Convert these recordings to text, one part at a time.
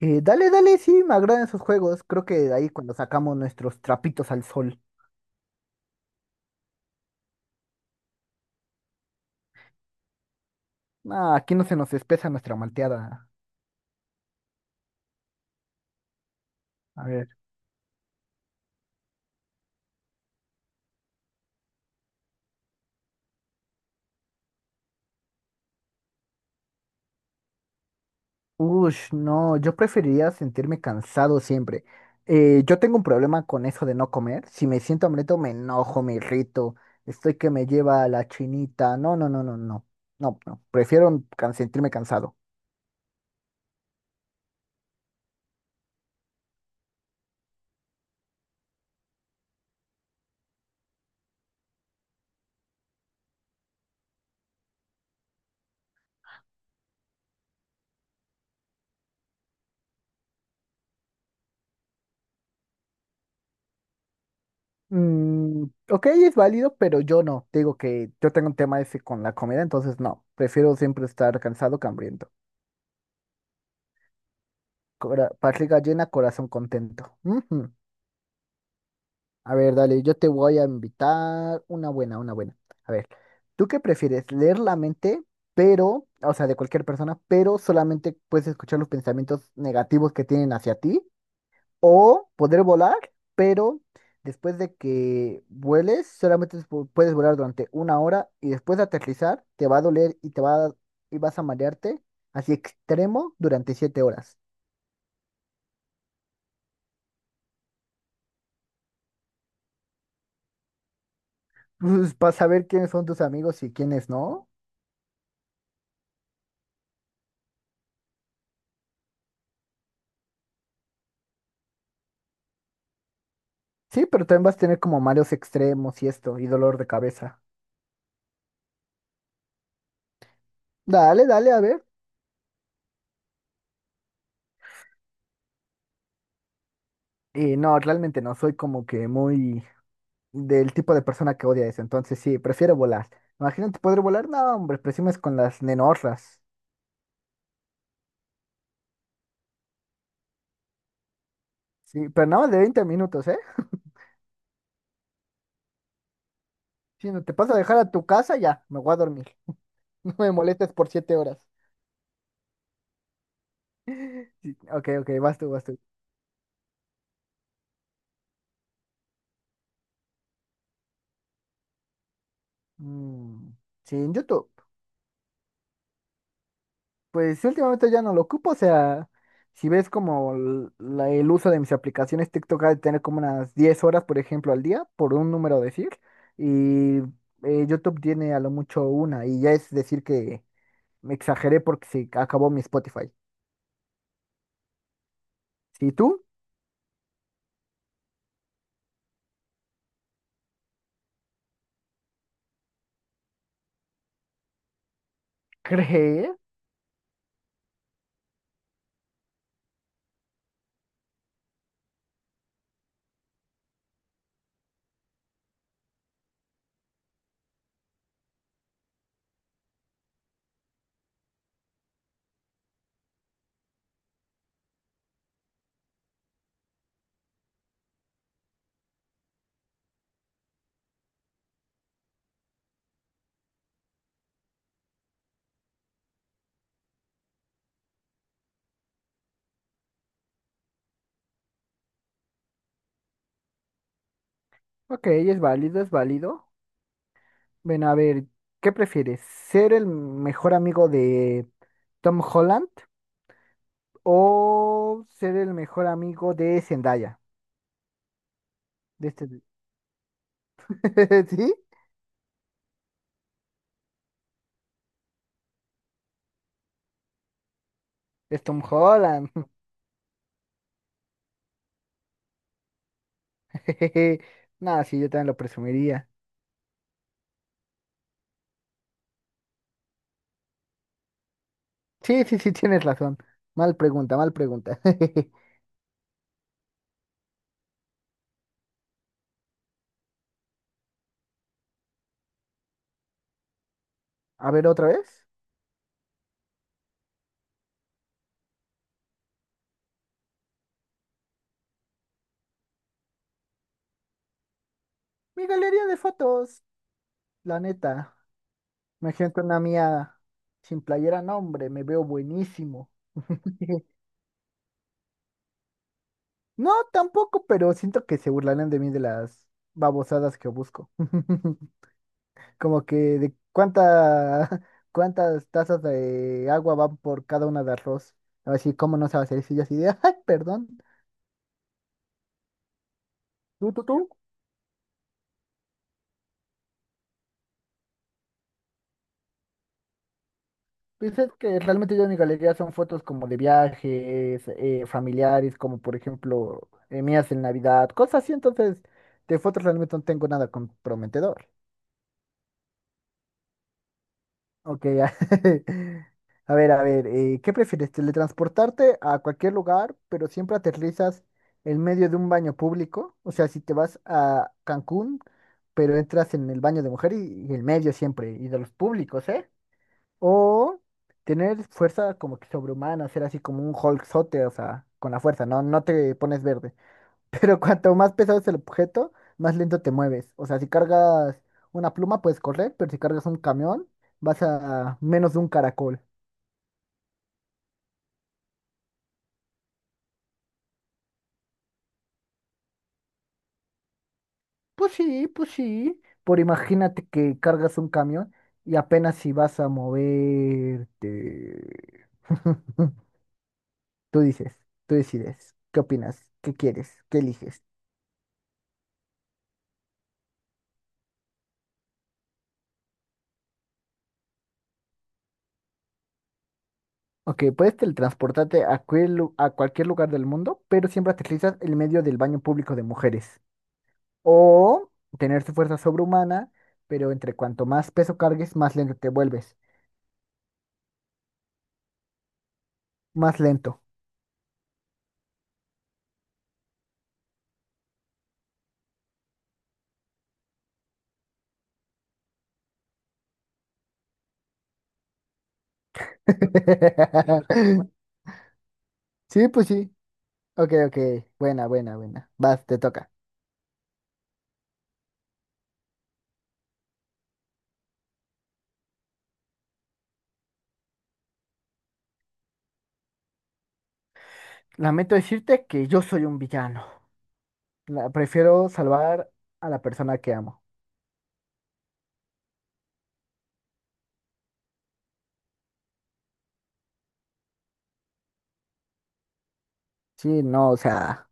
Dale, dale, sí, me agradan esos juegos. Creo que de ahí cuando sacamos nuestros trapitos al sol. Ah, aquí no se nos espesa nuestra malteada. A ver. Ush, no, yo preferiría sentirme cansado siempre. Yo tengo un problema con eso de no comer. Si me siento hambriento, me enojo, me irrito. Estoy que me lleva a la chinita. No, no, no, no, no. No, no. Prefiero sentirme cansado. Mm, ok, es válido, pero yo no. Te digo que yo tengo un tema ese con la comida, entonces no. Prefiero siempre estar cansado que hambriento. Barriga llena, corazón contento. Ujú. A ver, dale, yo te voy a invitar una buena, una buena. A ver, ¿tú qué prefieres? Leer la mente, pero, o sea, de cualquier persona, pero solamente puedes escuchar los pensamientos negativos que tienen hacia ti. O poder volar, pero después de que vueles, solamente puedes volar durante una hora y después de aterrizar, te va a doler y vas a marearte así extremo durante 7 horas. Pues para saber quiénes son tus amigos y quiénes no. Sí, pero también vas a tener como mareos extremos y esto, y dolor de cabeza. Dale, dale, a ver. Y no, realmente no, soy como que muy del tipo de persona que odia eso, entonces sí, prefiero volar. Imagínate poder volar, no, hombre, presumes con las nenorras. Sí, pero nada más de 20 minutos, ¿eh? Si no te paso a dejar a tu casa, ya, me voy a dormir. No me molestes por 7 horas. Sí, ok, ok, vas tú, vas tú. Mm, sí, en YouTube. Pues sí, últimamente ya no lo ocupo, o sea, si ves como el uso de mis aplicaciones, TikTok ha de tener como unas 10 horas, por ejemplo, al día, por un número decir, y YouTube tiene a lo mucho una, y ya es decir que me exageré porque se acabó mi Spotify. Si tú crees, ok, es válido, es válido. Ven a ver, ¿qué prefieres? ¿Ser el mejor amigo de Tom Holland o ser el mejor amigo de Zendaya? De este... ¿Sí? Es Tom Holland. Jejeje. No, sí, yo también lo presumiría. Sí, sí, sí, tienes razón. Mal pregunta, mal pregunta. A ver, otra vez. Mi galería de fotos, la neta. Me siento una mía sin playera, no, hombre, me veo buenísimo. No, tampoco, pero siento que se burlarán de mí de las babosadas que busco. Como que de cuántas tazas de agua van por cada una de arroz. A ver si, ¿cómo no se va a hacer eso? Y yo así de, ay, perdón. ¿Tú? Dices que realmente yo en mi galería son fotos como de viajes, familiares, como por ejemplo mías en Navidad, cosas así, entonces de fotos realmente no tengo nada comprometedor. Ok, ya. A ver, a ver, ¿qué prefieres? ¿Teletransportarte a cualquier lugar, pero siempre aterrizas en medio de un baño público? O sea, si te vas a Cancún, pero entras en el baño de mujer y, en medio siempre, y de los públicos, ¿eh? O tener fuerza como que sobrehumana, ser así como un Hulkzote, o sea, con la fuerza, no, no te pones verde. Pero cuanto más pesado es el objeto, más lento te mueves. O sea, si cargas una pluma puedes correr, pero si cargas un camión, vas a menos de un caracol. Pues sí, pues sí. Por imagínate que cargas un camión y apenas si vas a moverte. Tú dices, tú decides, ¿qué opinas? ¿Qué quieres? ¿Qué eliges? Ok, puedes teletransportarte a cualquier lugar del mundo, pero siempre aterrizas en medio del baño público de mujeres. O tener tu fuerza sobrehumana, pero entre cuanto más peso cargues, más lento te vuelves. Más lento. Sí, pues sí. Ok, ok. Buena, buena, buena. Vas, te toca. Lamento decirte que yo soy un villano. Prefiero salvar a la persona que amo. Sí, no, o sea.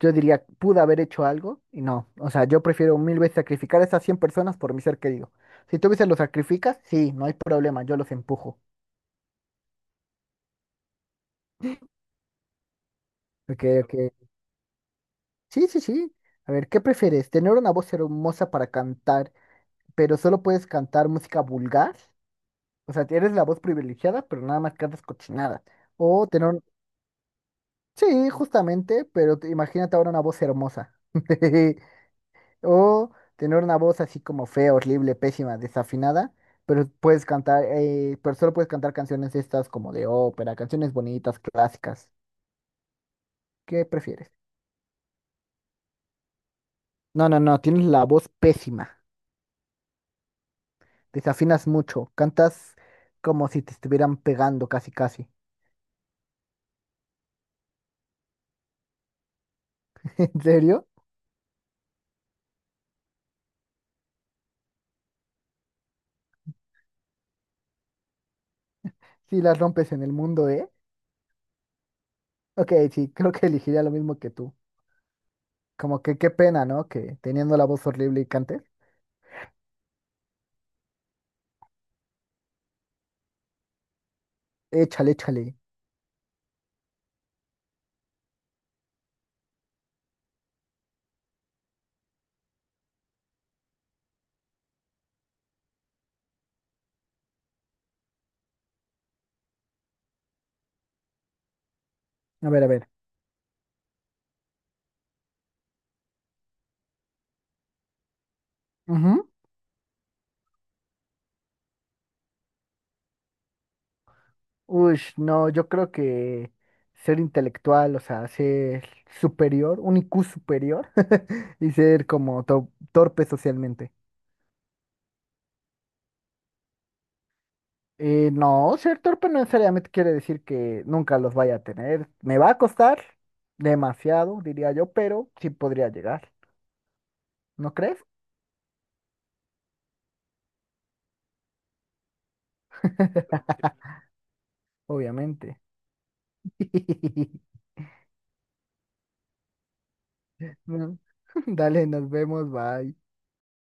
Yo diría, pude haber hecho algo y no. O sea, yo prefiero mil veces sacrificar a esas 100 personas por mi ser querido. Si tú veces los sacrificas, sí, no hay problema, yo los empujo. Ok, ok. Sí, sí, sí. A ver, ¿qué prefieres? ¿Tener una voz hermosa para cantar, pero solo puedes cantar música vulgar? O sea, eres la voz privilegiada, pero nada más cantas cochinadas. O tener... Sí, justamente, pero imagínate ahora una voz hermosa. O tener una voz así como fea, horrible, pésima, desafinada, pero puedes cantar, pero solo puedes cantar canciones estas como de ópera, canciones bonitas, clásicas. ¿Qué prefieres? No, no, no, tienes la voz pésima, desafinas mucho, cantas como si te estuvieran pegando casi, casi. ¿En serio? Si las rompes en el mundo, ¿eh? Ok, sí, creo que elegiría lo mismo que tú. Como que qué pena, ¿no? Que teniendo la voz horrible y cantes. Échale, échale. A ver, a ver. Ujú. Uy, no, yo creo que ser intelectual, o sea, ser superior, un IQ superior y ser como torpe socialmente. No, ser torpe no necesariamente quiere decir que nunca los vaya a tener. Me va a costar demasiado, diría yo, pero sí podría llegar, ¿no crees? Obviamente. Mm. Dale, nos vemos, bye.